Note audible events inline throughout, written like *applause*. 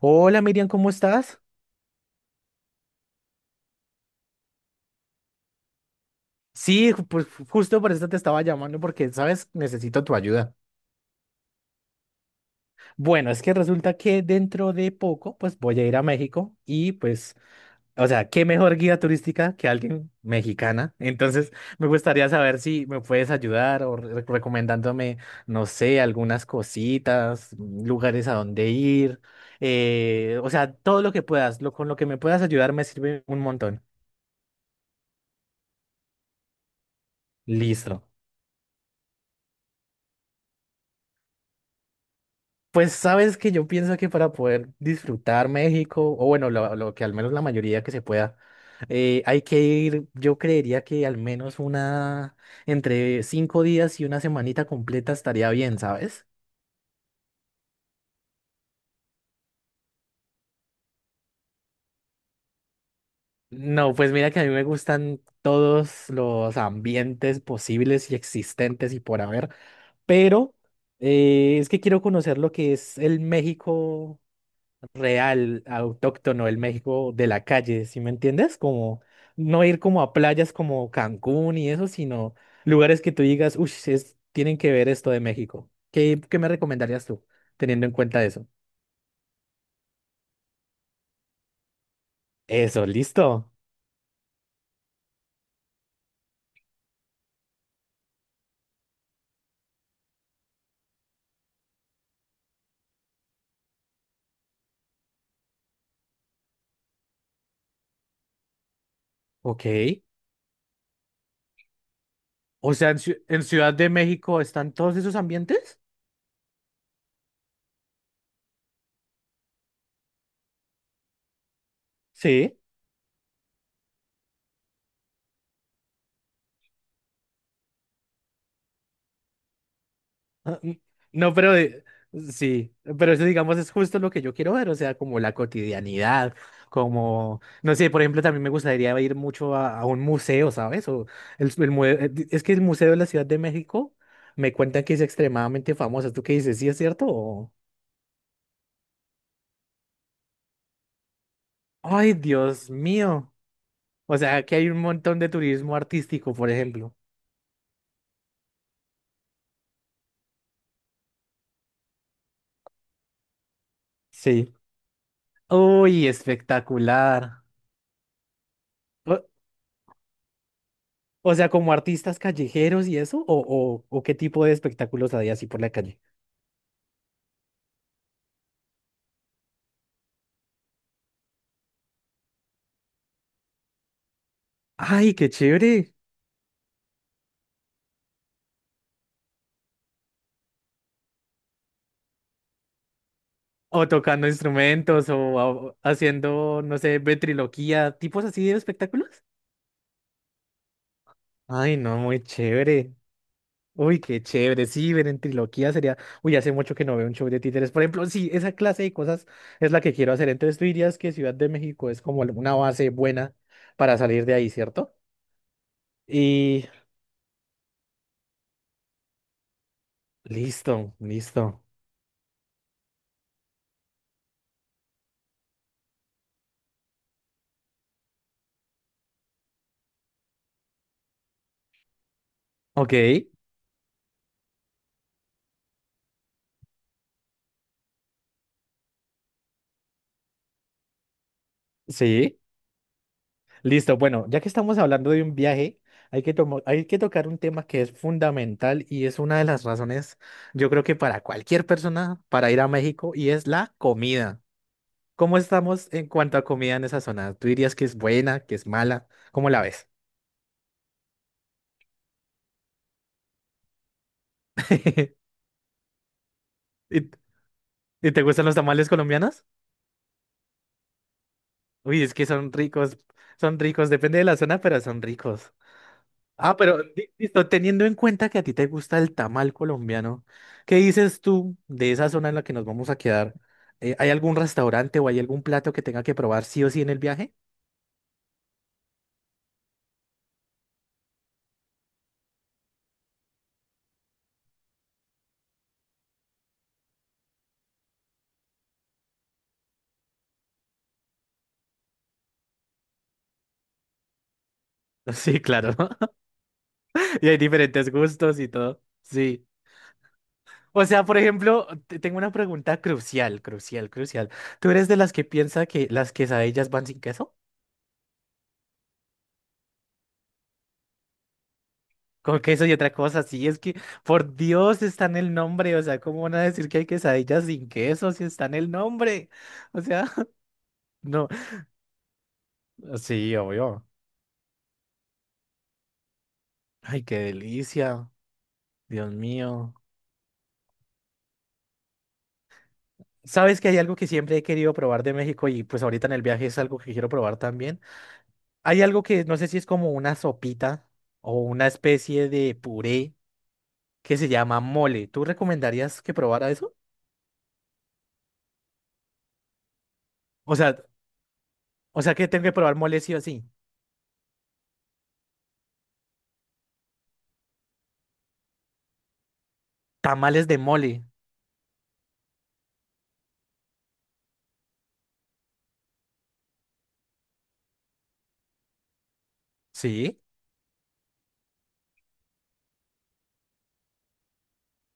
Hola Miriam, ¿cómo estás? Sí, justo por eso te estaba llamando porque, sabes, necesito tu ayuda. Bueno, es que resulta que dentro de poco, pues voy a ir a México y pues, o sea, ¿qué mejor guía turística que alguien mexicana? Entonces, me gustaría saber si me puedes ayudar o recomendándome, no sé, algunas cositas, lugares a donde ir, o sea, todo lo que puedas, con lo que me puedas ayudar me sirve un montón. Listo. Pues sabes que yo pienso que para poder disfrutar México, o bueno, lo que al menos la mayoría que se pueda, hay que ir, yo creería que al menos una, entre cinco días y una semanita completa estaría bien, ¿sabes? No, pues mira que a mí me gustan todos los ambientes posibles y existentes y por haber, pero es que quiero conocer lo que es el México real, autóctono del México de la calle, ¿sí me entiendes? Como no ir como a playas como Cancún y eso, sino lugares que tú digas, uy, tienen que ver esto de México. ¿Qué, qué me recomendarías tú, teniendo en cuenta eso? Eso, listo. Ok. O sea, en Ciudad de México están todos esos ambientes. Sí. Ah, n- No, pero sí, pero eso digamos es justo lo que yo quiero ver, o sea, como la cotidianidad, como, no sé, por ejemplo, también me gustaría ir mucho a un museo, ¿sabes? O es que el Museo de la Ciudad de México me cuentan que es extremadamente famoso. ¿Tú qué dices? ¿Sí es cierto? O- Ay, Dios mío. O sea, que hay un montón de turismo artístico, por ejemplo. Sí. Uy, espectacular. O sea, como artistas callejeros y eso, o qué tipo de espectáculos había así por la calle. ¡Ay, qué chévere! O tocando instrumentos, o haciendo, no sé, ventriloquía, tipos así de espectáculos. Ay, no, muy chévere. Uy, qué chévere. Sí, ver en ventriloquía sería. Uy, hace mucho que no veo un show de títeres. Por ejemplo, sí, esa clase de cosas es la que quiero hacer. Entonces, tú dirías que Ciudad de México es como una base buena para salir de ahí, ¿cierto? Y listo, listo. Ok, sí. Listo, bueno, ya que estamos hablando de un viaje, hay que tocar un tema que es fundamental y es una de las razones, yo creo que para cualquier persona, para ir a México, y es la comida. ¿Cómo estamos en cuanto a comida en esa zona? ¿Tú dirías que es buena, que es mala? ¿Cómo la ves? *laughs* ¿Y, y te gustan los tamales colombianos? Uy, es que son ricos, depende de la zona, pero son ricos. Ah, pero listo, teniendo en cuenta que a ti te gusta el tamal colombiano, ¿qué dices tú de esa zona en la que nos vamos a quedar? ¿Hay algún restaurante o hay algún plato que tenga que probar sí o sí en el viaje? *laughs* Sí, claro. *laughs* Y hay diferentes gustos y todo. Sí. O sea, por ejemplo, tengo una pregunta crucial, crucial, crucial. ¿Tú eres de las que piensa que las quesadillas van sin queso? Con queso y otra cosa, sí, es que por Dios está en el nombre, o sea, ¿cómo van a decir que hay quesadillas sin queso si está en el nombre? O sea... No, sí, obvio. Ay, qué delicia. Dios mío. ¿Sabes que hay algo que siempre he querido probar de México y pues ahorita en el viaje es algo que quiero probar también? Hay algo que no sé si es como una sopita o una especie de puré que se llama mole. ¿Tú recomendarías que probara eso? O sea, o sea que tengo que probar mole sí o sí. Tamales de mole. ¿Sí?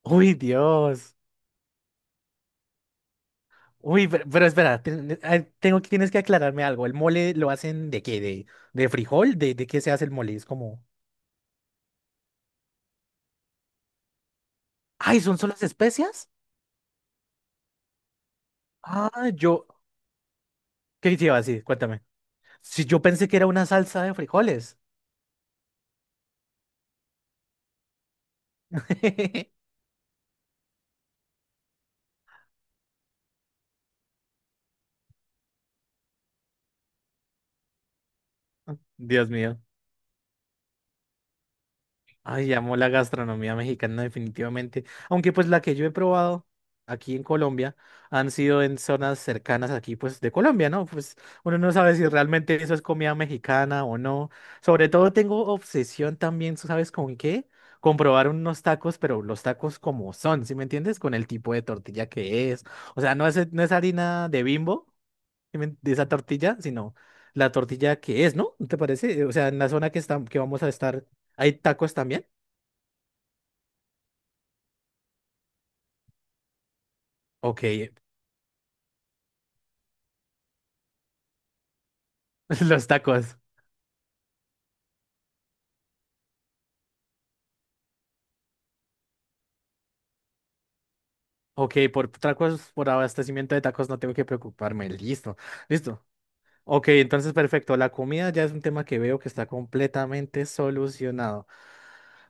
Uy, Dios. Uy, pero espera, ay, tengo que tienes que aclararme algo. ¿El mole lo hacen de qué? De frijol? De qué se hace el mole? Es como... Ay, ¿son solo las especias? Ah, yo. ¿Qué lleva así? Cuéntame. Si yo pensé que era una salsa de frijoles. *laughs* Dios mío. Ay, amo la gastronomía mexicana definitivamente. Aunque pues la que yo he probado aquí en Colombia han sido en zonas cercanas aquí pues de Colombia, ¿no? Pues uno no sabe si realmente eso es comida mexicana o no. Sobre todo tengo obsesión también, tú ¿sabes con qué? Comprobar unos tacos, pero los tacos como son, ¿sí me entiendes? Con el tipo de tortilla que es. O sea, no es harina de Bimbo, ¿sí me- de esa tortilla, sino la tortilla que es, ¿no? ¿Te parece? O sea, en la zona que, está, que vamos a estar, ¿hay tacos también? Ok, *laughs* los tacos. Ok, por tacos, por abastecimiento de tacos no tengo que preocuparme. Listo, listo. Ok, entonces perfecto. La comida ya es un tema que veo que está completamente solucionado.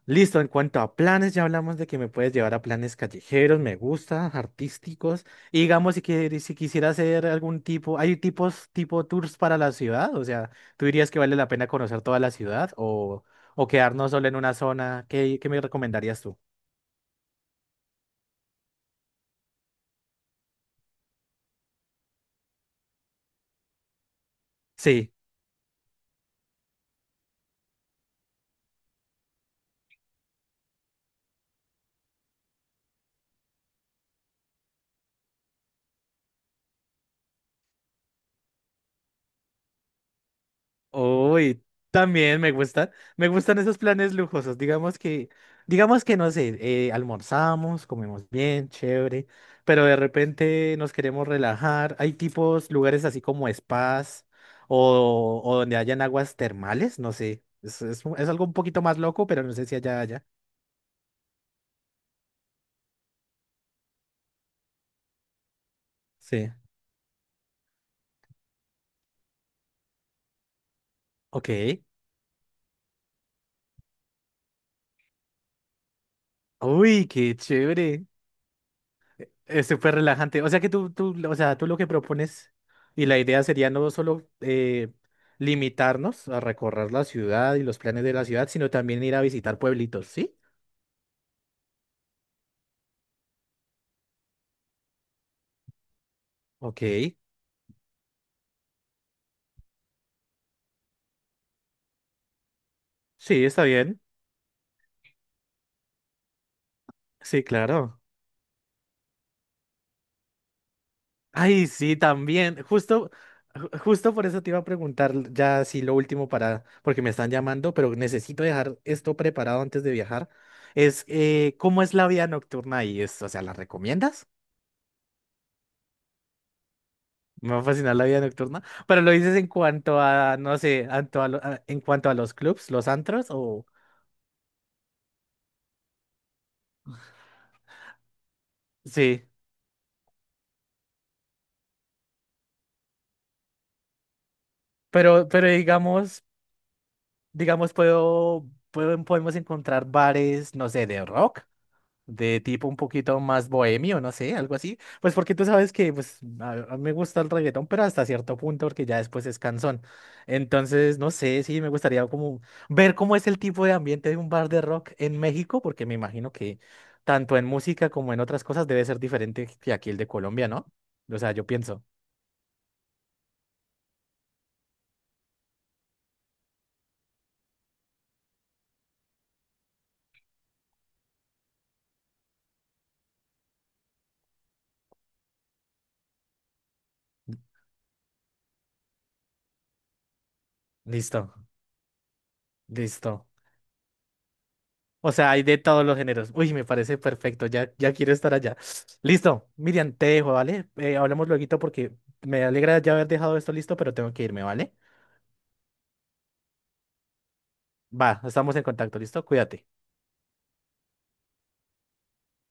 Listo, en cuanto a planes, ya hablamos de que me puedes llevar a planes callejeros, me gusta, artísticos. Y digamos, si quisiera hacer algún tipo, hay tipos, tipo tours para la ciudad, o sea, ¿tú dirías que vale la pena conocer toda la ciudad o quedarnos solo en una zona? ¿Qué, qué me recomendarías tú? Sí. Uy, también me gusta, me gustan esos planes lujosos. Digamos que no sé, almorzamos, comemos bien, chévere, pero de repente nos queremos relajar. Hay tipos, lugares así como spas o donde hayan aguas termales, no sé. Es algo un poquito más loco, pero no sé si allá haya. Sí. Ok. Uy, qué chévere. Es súper relajante. O sea que tú lo que propones y la idea sería no solo limitarnos a recorrer la ciudad y los planes de la ciudad, sino también ir a visitar pueblitos, ¿sí? Ok. Sí, está bien. Sí, claro. Ay, sí, también. Justo, justo por eso te iba a preguntar ya sí lo último para, porque me están llamando, pero necesito dejar esto preparado antes de viajar. Es ¿cómo es la vida nocturna ahí? Es, o sea, ¿la recomiendas? Me va a fascinar la vida nocturna. Pero lo dices en cuanto a, no sé, en cuanto a los clubs, los antros, o sí. Pero digamos, digamos, podemos encontrar bares, no sé, de rock. De tipo un poquito más bohemio, no sé, algo así. Pues porque tú sabes que pues a mí me gusta el reggaetón, pero hasta cierto punto, porque ya después es cansón. Entonces, no sé, sí, me gustaría como ver cómo es el tipo de ambiente de un bar de rock en México, porque me imagino que tanto en música como en otras cosas debe ser diferente que aquí el de Colombia, ¿no? O sea, yo pienso. Listo, listo. O sea, hay de todos los géneros. Uy, me parece perfecto. Ya, ya quiero estar allá. Listo. Miriam, te dejo, ¿vale? Hablamos luego porque me alegra ya haber dejado esto listo, pero tengo que irme, ¿vale? Va, estamos en contacto, ¿listo? Cuídate.